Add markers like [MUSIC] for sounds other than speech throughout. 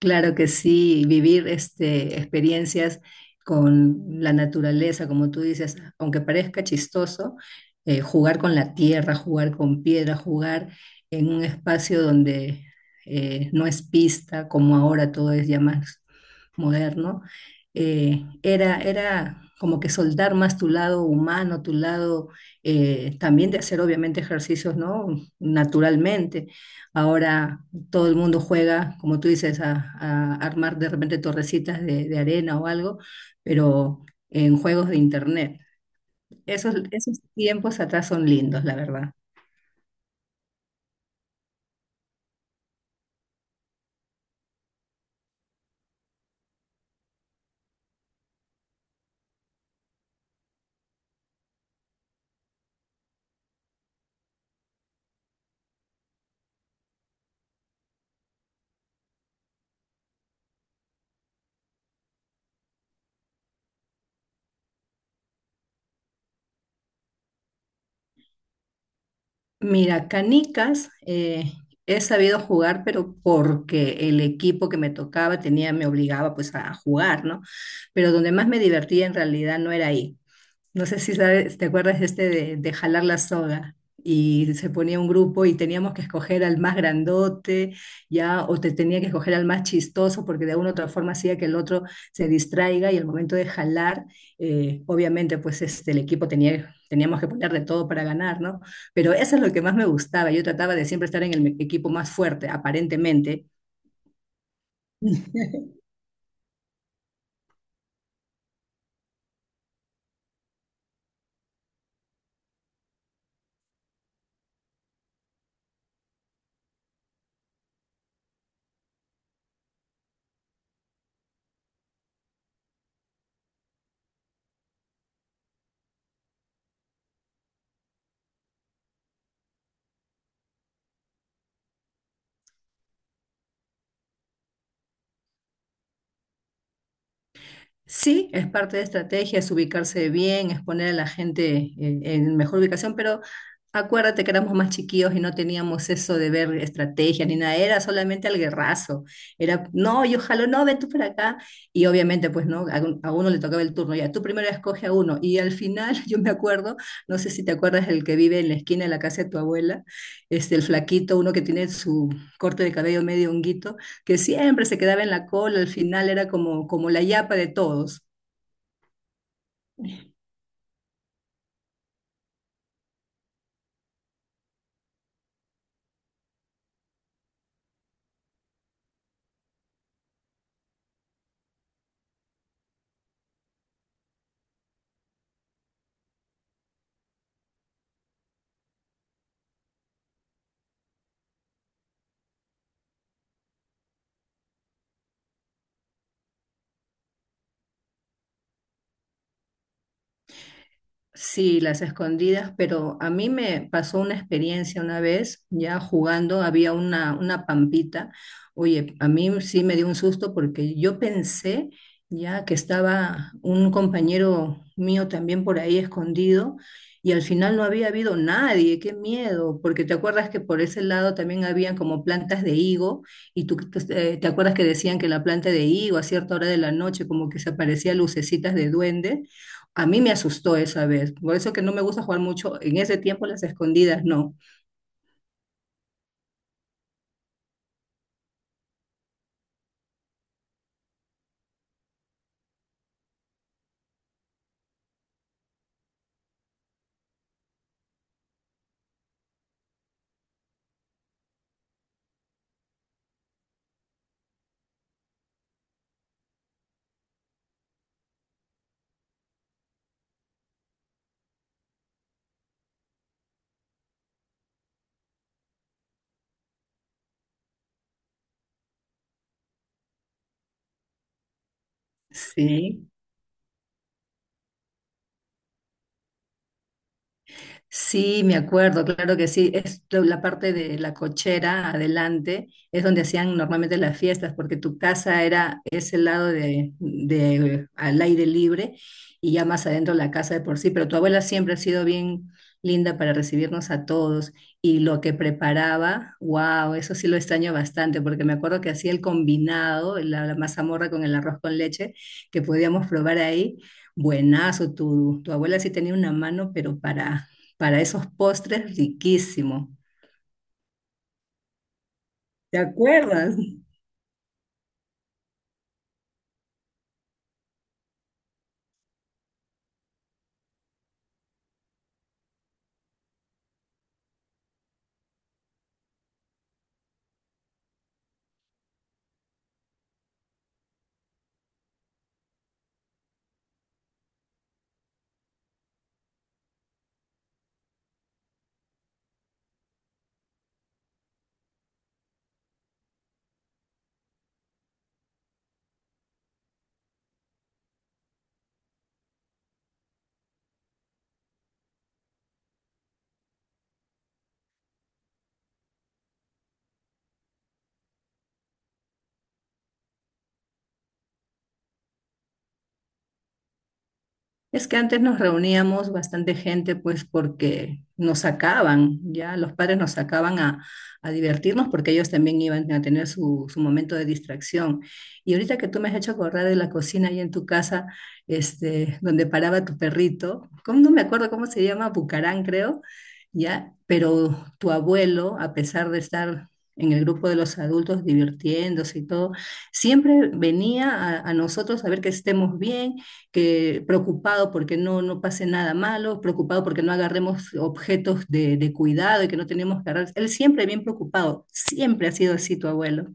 Claro que sí, vivir este, experiencias con la naturaleza, como tú dices, aunque parezca chistoso, jugar con la tierra, jugar con piedra, jugar en un espacio donde no es pista, como ahora todo es ya más moderno, era como que soltar más tu lado humano, tu lado también de hacer obviamente ejercicios, ¿no? Naturalmente. Ahora todo el mundo juega, como tú dices, a armar de repente torrecitas de arena o algo, pero en juegos de internet. Esos tiempos atrás son lindos, la verdad. Mira, canicas he sabido jugar, pero porque el equipo que me tocaba tenía, me obligaba pues a jugar, ¿no? Pero donde más me divertía en realidad no era ahí. No sé si sabes, te acuerdas este de jalar la soga. Y se ponía un grupo y teníamos que escoger al más grandote, ya, o te tenía que escoger al más chistoso, porque de alguna u otra forma hacía que el otro se distraiga y al momento de jalar, obviamente, pues este, el equipo teníamos que poner de todo para ganar, ¿no? Pero eso es lo que más me gustaba. Yo trataba de siempre estar en el equipo más fuerte, aparentemente. Sí, es parte de estrategias, ubicarse bien, es poner a la gente en mejor ubicación, pero acuérdate que éramos más chiquillos y no teníamos eso de ver estrategia ni nada, era solamente al guerrazo. Era, no, yo jalo, no, ven tú para acá. Y obviamente, pues no, a uno le tocaba el turno, ya tú primero escoge a uno. Y al final, [LAUGHS] yo me acuerdo, no sé si te acuerdas, el que vive en la esquina de la casa de tu abuela, este, el flaquito, uno que tiene su corte de cabello medio honguito que siempre se quedaba en la cola, al final era como, como la yapa de todos. Sí, las escondidas, pero a mí me pasó una experiencia una vez, ya jugando, había una pampita. Oye, a mí sí me dio un susto porque yo pensé ya que estaba un compañero mío también por ahí escondido y al final no había habido nadie, qué miedo, porque te acuerdas que por ese lado también habían como plantas de higo y te acuerdas que decían que la planta de higo a cierta hora de la noche como que se aparecían lucecitas de duende. A mí me asustó esa vez, por eso que no me gusta jugar mucho en ese tiempo las escondidas, no. Sí. Sí, me acuerdo, claro que sí. Es lo- la parte de la cochera adelante, es donde hacían normalmente las fiestas, porque tu casa era ese lado de al aire libre y ya más adentro la casa de por sí. Pero tu abuela siempre ha sido bien linda para recibirnos a todos y lo que preparaba, wow, eso sí lo extraño bastante, porque me acuerdo que hacía el combinado, la mazamorra con el arroz con leche que podíamos probar ahí. Buenazo, tu abuela sí tenía una mano, pero para esos postres riquísimos. ¿Te acuerdas? Es que antes nos reuníamos bastante gente, pues porque nos sacaban, ya los padres nos sacaban a divertirnos porque ellos también iban a tener su momento de distracción. Y ahorita que tú me has hecho acordar de la cocina ahí en tu casa, este, donde paraba tu perrito, ¿cómo no me acuerdo cómo se llama? Bucarán, creo, ya, pero tu abuelo, a pesar de estar en el grupo de los adultos divirtiéndose y todo, siempre venía a nosotros a ver que estemos bien, que preocupado porque no, no pase nada malo, preocupado porque no agarremos objetos de cuidado y que no tenemos que agarrar. Él siempre bien preocupado, siempre ha sido así tu abuelo.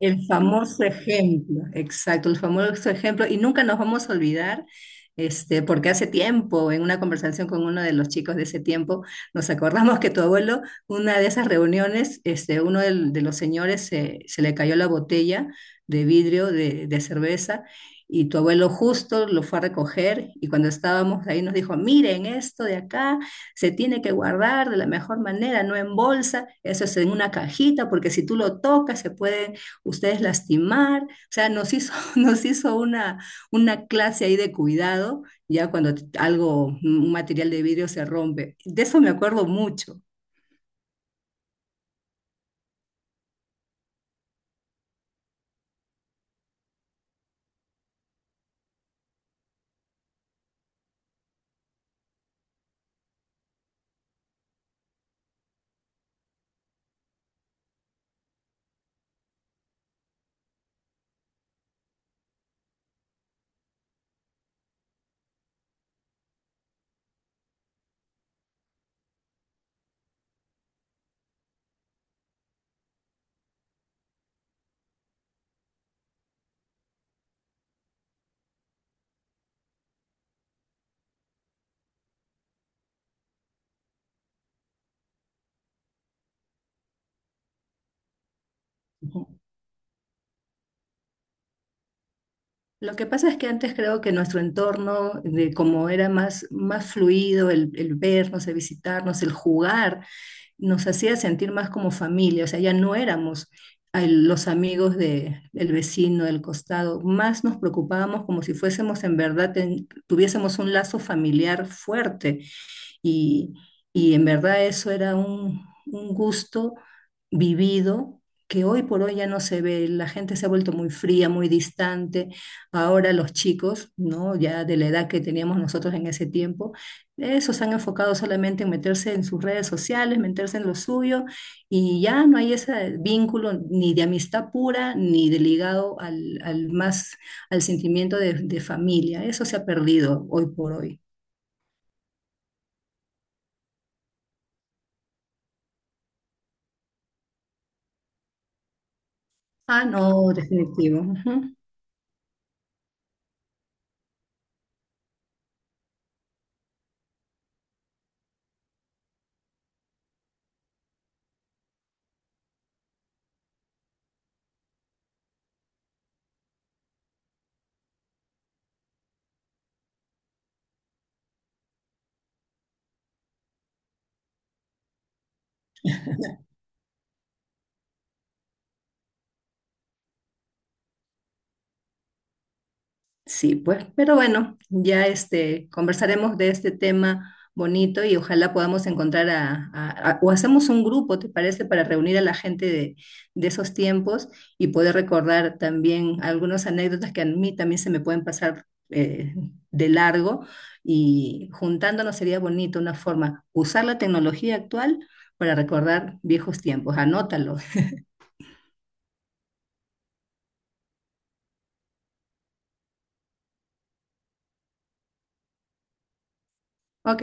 El famoso ejemplo, exacto, el famoso ejemplo, y nunca nos vamos a olvidar, este, porque hace tiempo, en una conversación con uno de los chicos de ese tiempo, nos acordamos que tu abuelo, una de esas reuniones, este, los señores se le cayó la botella de vidrio de cerveza y tu abuelo justo lo fue a recoger y cuando estábamos ahí nos dijo, miren, esto de acá se tiene que guardar de la mejor manera, no en bolsa, eso es en una cajita, porque si tú lo tocas se pueden ustedes lastimar, o sea, nos hizo, [LAUGHS] nos hizo una clase ahí de cuidado, ya cuando t- algo, un material de vidrio se rompe. De eso me acuerdo mucho. Lo que pasa es que antes creo que nuestro entorno, de como era más fluido, el vernos, el visitarnos, el jugar, nos hacía sentir más como familia, o sea, ya no éramos al- los amigos del vecino, del costado, más nos preocupábamos como si fuésemos en verdad, ten- tuviésemos un lazo familiar fuerte y, y en verdad eso era un gusto vivido que hoy por hoy ya no se ve, la gente se ha vuelto muy fría, muy distante. Ahora los chicos, ¿no? Ya de la edad que teníamos nosotros en ese tiempo, eso se han enfocado solamente en meterse en sus redes sociales, meterse en lo suyo, y ya no hay ese vínculo ni de amistad pura, ni de ligado al más, al sentimiento de familia. Eso se ha perdido hoy por hoy. Ah, no, definitivo. Ujú. Sí, pues, pero bueno, ya este, conversaremos de este tema bonito y ojalá podamos encontrar a- o hacemos un grupo, ¿te parece? Para reunir a la gente de esos tiempos y poder recordar también algunas anécdotas que a mí también se me pueden pasar de largo y juntándonos sería bonito una forma, usar la tecnología actual para recordar viejos tiempos. Anótalo. [LAUGHS] Ok.